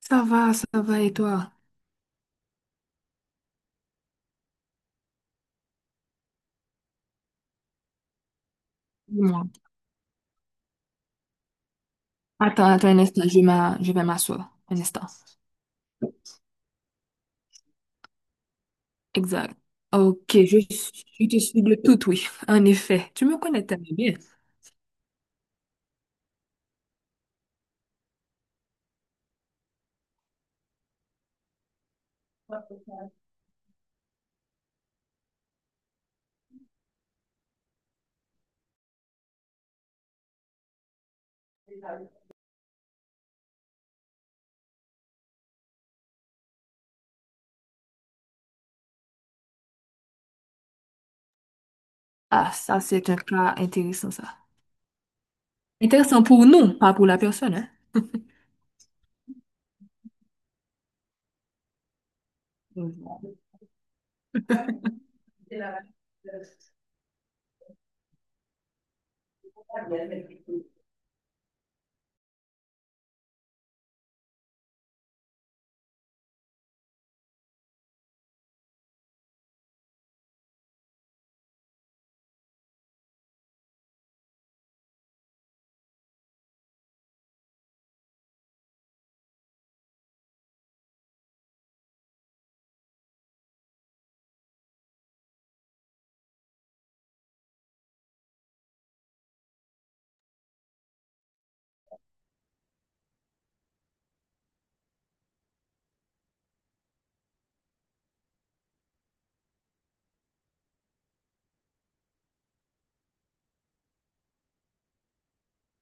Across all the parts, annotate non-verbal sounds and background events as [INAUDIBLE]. Ça va, et toi? Dis-moi. Attends, attends un instant, je vais m'asseoir. Un instant. Exact. Ok, je te suis de tout, oui. [LAUGHS] En effet, tu me connais tellement bien. Ah, ça, c'est un cas intéressant, ça. Intéressant pour nous, pas pour la personne, hein? Je vois.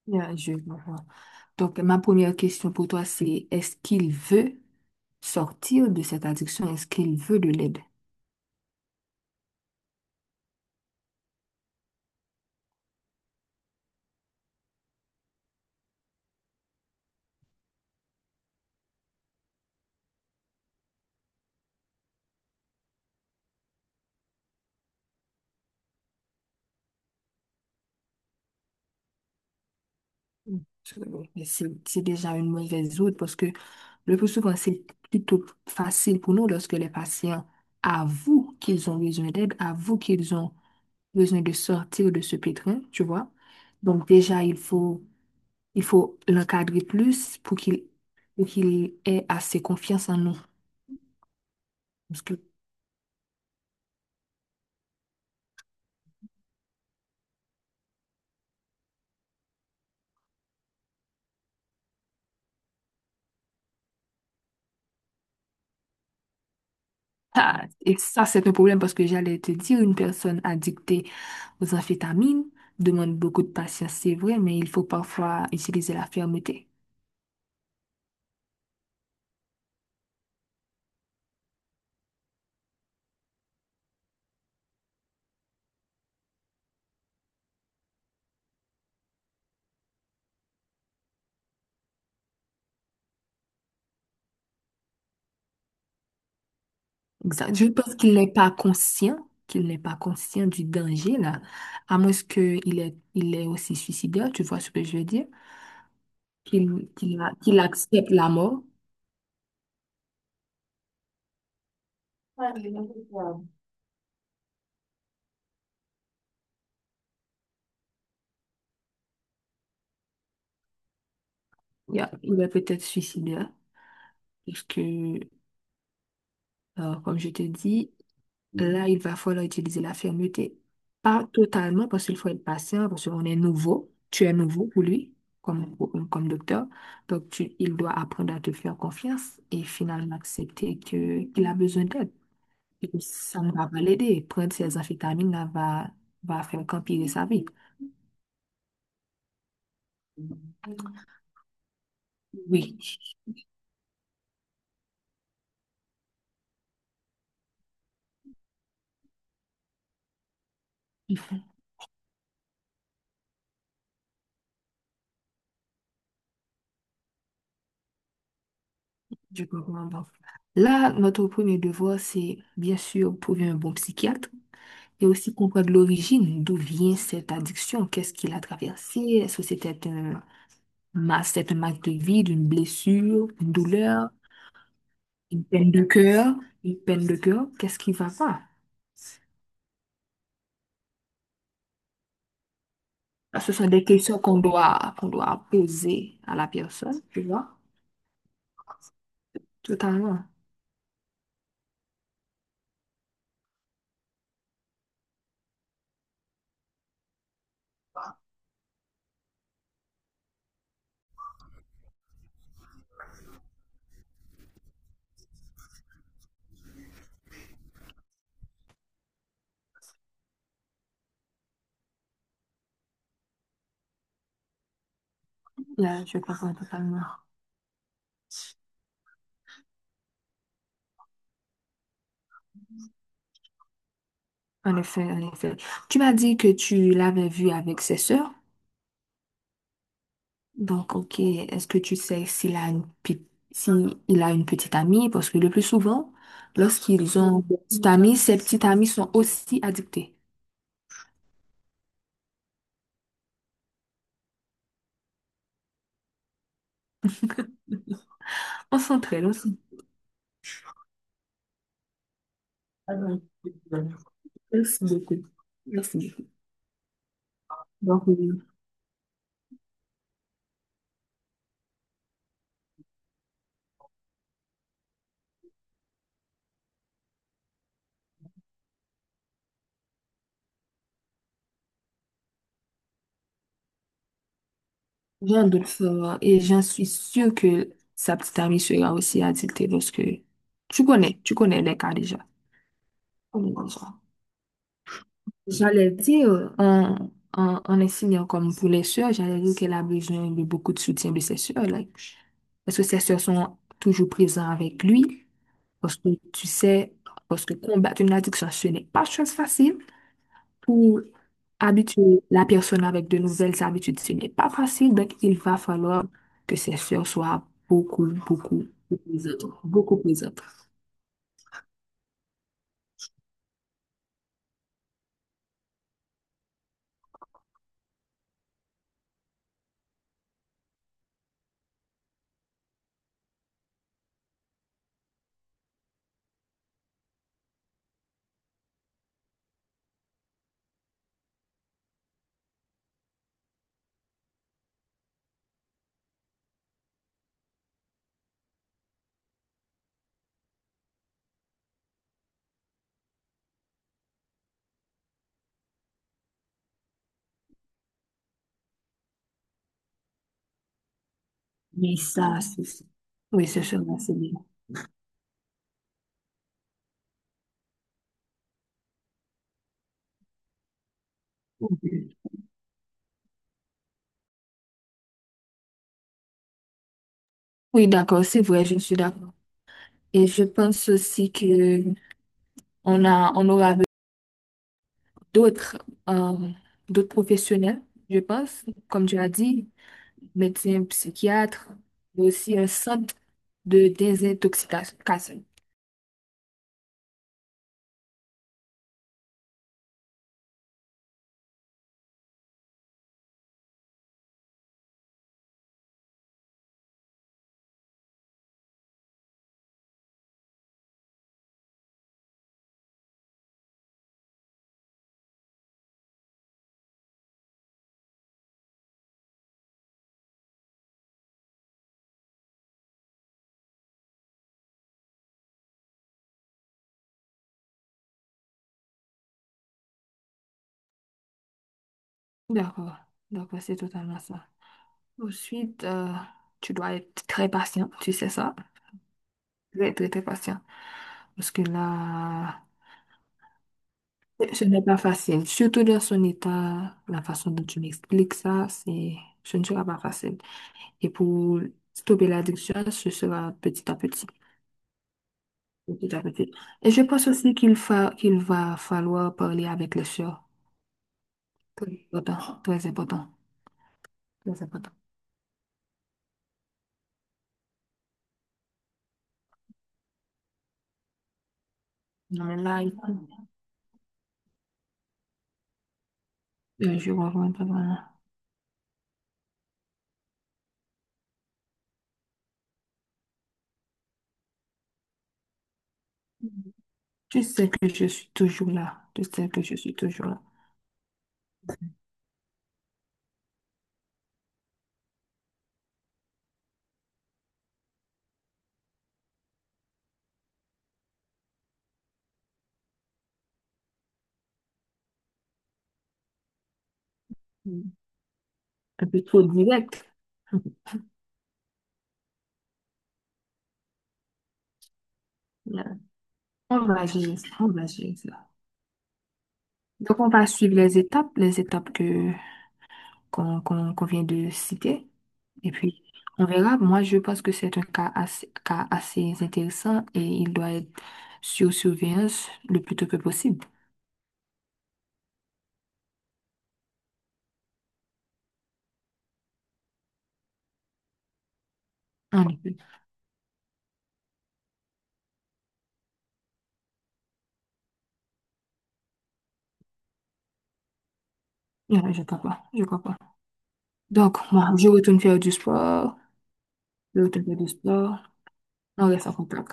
Bien, je vois. Donc, ma première question pour toi, c'est est-ce qu'il veut sortir de cette addiction? Est-ce qu'il veut de l'aide? Absolument. Mais c'est déjà une mauvaise route parce que le plus souvent, c'est plutôt facile pour nous lorsque les patients avouent qu'ils ont besoin d'aide, avouent qu'ils ont besoin de sortir de ce pétrin, tu vois. Donc déjà, il faut l'encadrer plus pour qu'il ait assez confiance en nous. Parce que, ah, et ça, c'est un problème parce que j'allais te dire, une personne addictée aux amphétamines demande beaucoup de patience, c'est vrai, mais il faut parfois utiliser la fermeté. Exact. Je pense qu'il n'est pas conscient du danger, là, à moins qu'il est, il est aussi suicidaire, tu vois ce que je veux dire, qu'il accepte la mort. Ouais. Yeah, il est peut-être suicidaire. Puisque, comme je te dis, là, il va falloir utiliser la fermeté. Pas totalement, parce qu'il faut être patient, parce qu'on est nouveau. Tu es nouveau pour lui, comme, comme docteur. Donc, il doit apprendre à te faire confiance et finalement accepter que, qu'il a besoin d'aide. Et que ça ne va pas l'aider. Prendre ses amphétamines là, va faire qu'empirer sa vie. Oui, je comprends. Donc, là, notre premier devoir, c'est bien sûr trouver un bon psychiatre et aussi comprendre l'origine, d'où vient cette addiction, qu'est-ce qu'il a traversé, est-ce que c'est un manque de vie, une blessure, une douleur, une peine de cœur, une peine de cœur, qu'est-ce qui va pas? Ah, ce sont des questions qu'on doit poser à la personne, tu vois, totalement. Là, je comprends totalement. En effet, en effet. Tu m'as dit que tu l'avais vu avec ses sœurs. Donc, ok, est-ce que tu sais s'il a une, pe- si il a une petite amie? Parce que le plus souvent, lorsqu'ils ont une petite amie, ces petites amies sont aussi addictées. On s'entraide, on s'entraide. Merci beaucoup. Merci beaucoup. Donc, oui, j'ai hâte de le et j'en suis sûre que sa petite amie sera aussi addictée parce que tu connais les cas déjà. On est dans ça. J'allais dire, en enseignant comme pour les sœurs, j'allais dire qu'elle a besoin de beaucoup de soutien de ses sœurs, là. Parce que ses sœurs sont toujours présentes avec lui. Parce que tu sais, parce que combattre une addiction, ce n'est pas chose facile. Pour habituer la personne avec de nouvelles habitudes, ce n'est pas facile. Donc, il va falloir que ses sœurs soient beaucoup, beaucoup, beaucoup présentes. Beaucoup présentes. Mais ça, c'est. Oui, ce sera, c'est bien. Oui, d'accord, c'est vrai, je suis d'accord. Et je pense aussi que on aura d'autres euh, d'autres professionnels, je pense, comme tu as dit, médecins, psychiatres, mais aussi un centre de désintoxication. D'accord, d'accord, c'est totalement ça. Ensuite, tu dois être très patient, tu sais ça? Très, très, très patient. Parce que là, ce n'est pas facile. Surtout dans son état, la façon dont tu m'expliques ça, ce ne sera pas facile. Et pour stopper l'addiction, ce sera petit à petit. Petit à petit. Et je pense aussi qu'il va falloir parler avec les sœurs. Très important. Très important. Très important. Non, mais là, il je reviens pas vraiment. Tu sais que je suis toujours là. Tu sais que je suis toujours là. Mm. Un peu trop direct. [LAUGHS] Voilà. On va gérer ça. On va gérer ça. Donc, on va suivre les étapes qu'on vient de citer. Et puis, on verra. Moi, je pense que c'est un cas assez intéressant et il doit être sur surveillance le plus tôt que possible. En effet. Non, je crois pas. Je crois pas. Donc, moi, je retourne faire du sport. Je retourne faire du sport. On reste en contact.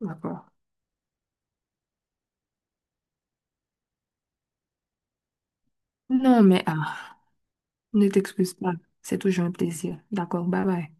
D'accord. Non, mais ah, ne t'excuse pas. C'est toujours un plaisir. D'accord. Bye bye.